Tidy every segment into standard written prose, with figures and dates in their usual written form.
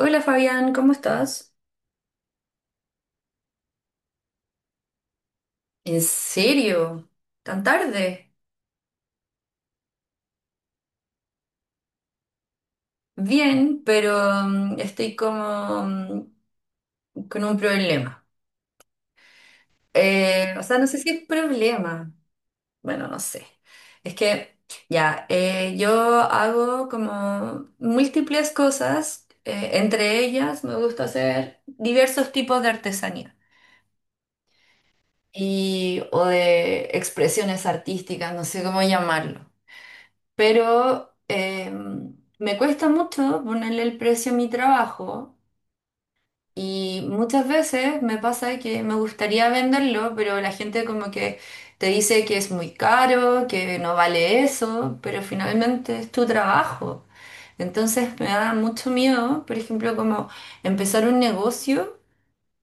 Hola Fabián, ¿cómo estás? ¿En serio? ¿Tan tarde? Bien, pero estoy como con un problema. O sea, no sé si es problema. Bueno, no sé. Es que ya, yo hago como múltiples cosas. Entre ellas, me gusta hacer diversos tipos de artesanía y o de expresiones artísticas, no sé cómo llamarlo, pero me cuesta mucho ponerle el precio a mi trabajo, y muchas veces me pasa que me gustaría venderlo, pero la gente como que te dice que es muy caro, que no vale eso, pero finalmente es tu trabajo. Entonces me da mucho miedo, por ejemplo, como empezar un negocio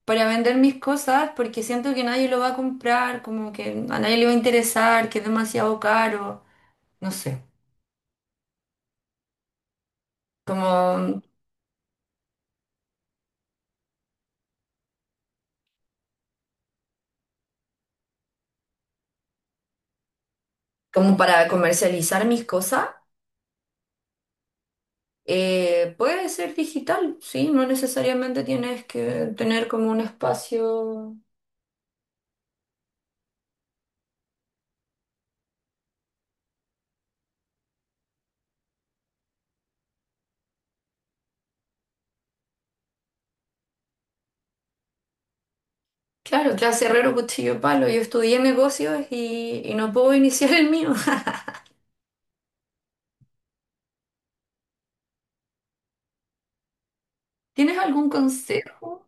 para vender mis cosas, porque siento que nadie lo va a comprar, como que a nadie le va a interesar, que es demasiado caro, no sé. Como como para comercializar mis cosas, puede ser digital, sí, no necesariamente tienes que tener como un espacio. Claro, clase herrero, cuchillo, palo. Yo estudié negocios y no puedo iniciar el mío. ¿Tienes algún consejo?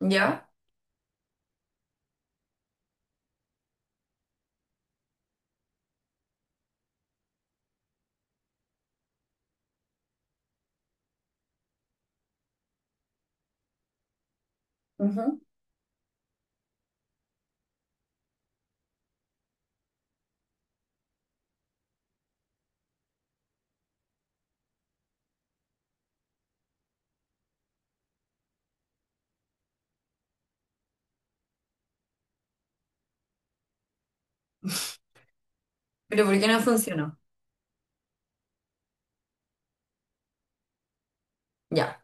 ¿Ya? Ujú. ¿Pero por qué no funcionó? Ya,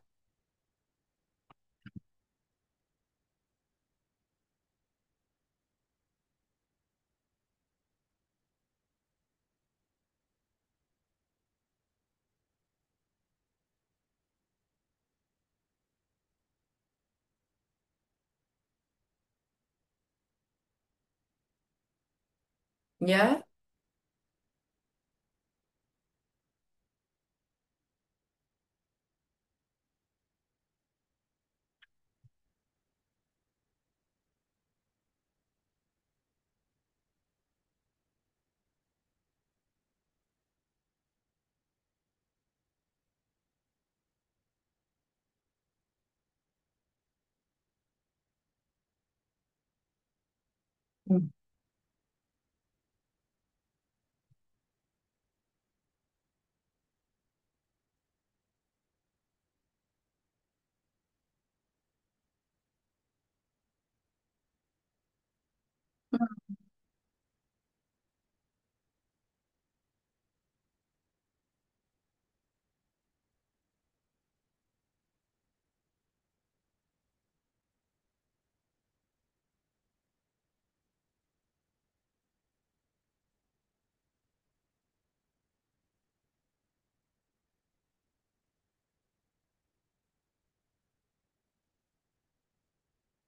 ya.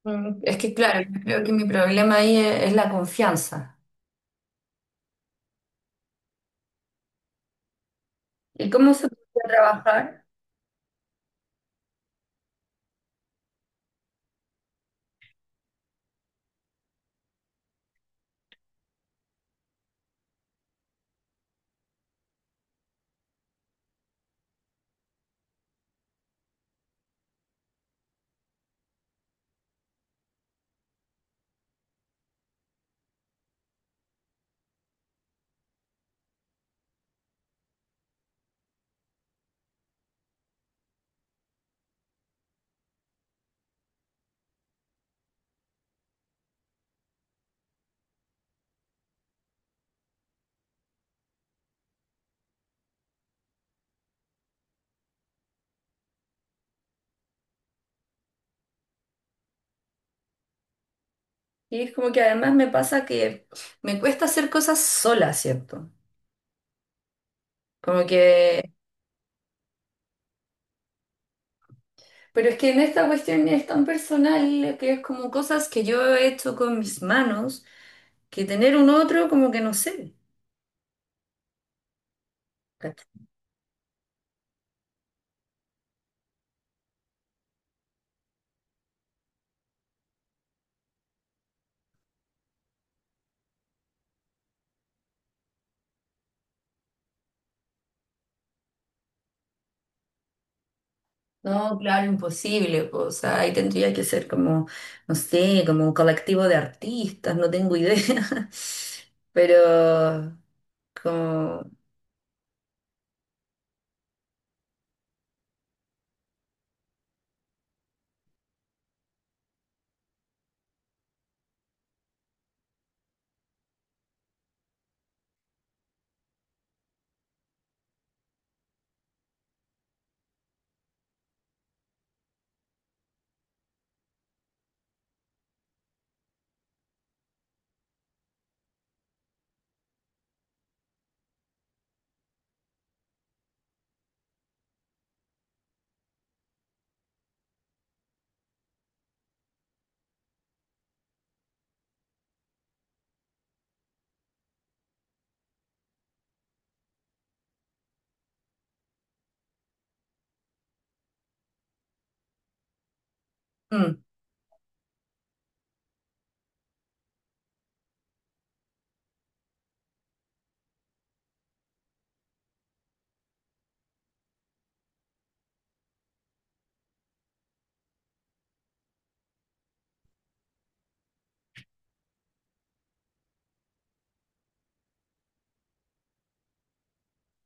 Mm, es que claro, yo creo que mi problema ahí es la confianza. ¿Y cómo se puede trabajar? Y es como que además me pasa que me cuesta hacer cosas sola, ¿cierto? Como que, pero es que en esta cuestión es tan personal, que es como cosas que yo he hecho con mis manos, que tener un otro como que no sé. ¿Cachai? No, claro, imposible, po, o sea, ahí tendría que ser como, no sé, como un colectivo de artistas, no tengo idea. Pero como mm,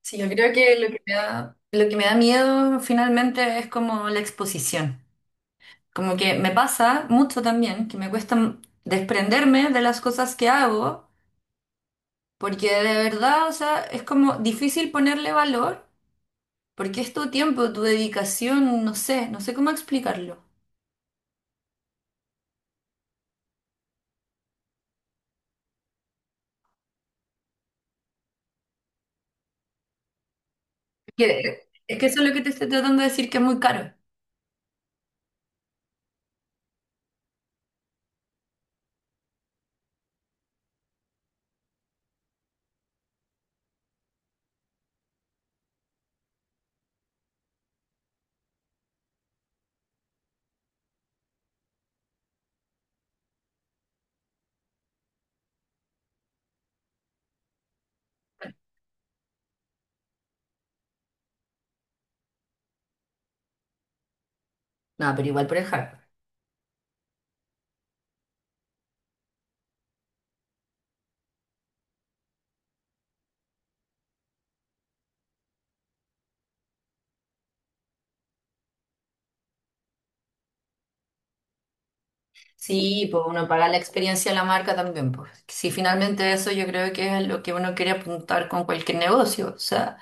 sí, yo creo que lo que me da, lo que me da miedo finalmente es como la exposición. Como que me pasa mucho también, que me cuesta desprenderme de las cosas que hago, porque de verdad, o sea, es como difícil ponerle valor, porque es tu tiempo, tu dedicación, no sé, no sé cómo explicarlo. Es que eso es lo que te estoy tratando de decir, que es muy caro. No, pero igual por el hardware. Sí, pues uno paga la experiencia de la marca también, pues. Si finalmente eso, yo creo que es lo que uno quiere apuntar con cualquier negocio, o sea,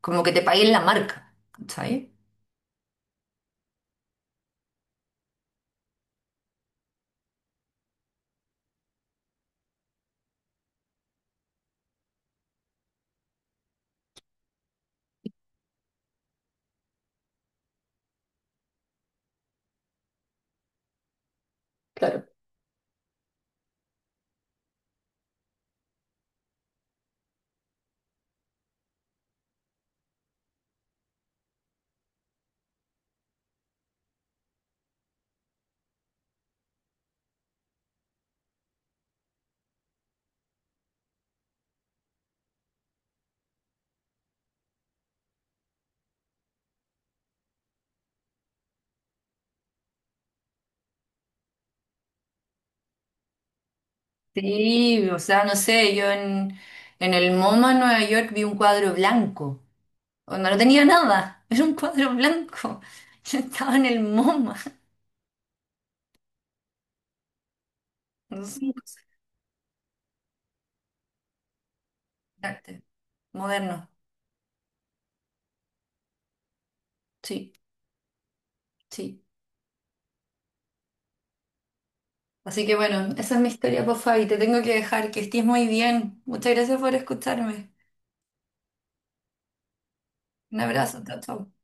como que te paguen la marca, ¿sabes? Sí, o sea, no sé, yo en el MoMA en Nueva York vi un cuadro blanco, onda, no tenía nada, era un cuadro blanco, yo estaba en el MoMA, no sé, cosas de arte moderno, sí, sí. Así que bueno, esa es mi historia, por Fabi, te tengo que dejar, que estés muy bien, muchas gracias por escucharme, un abrazo, chao, chao.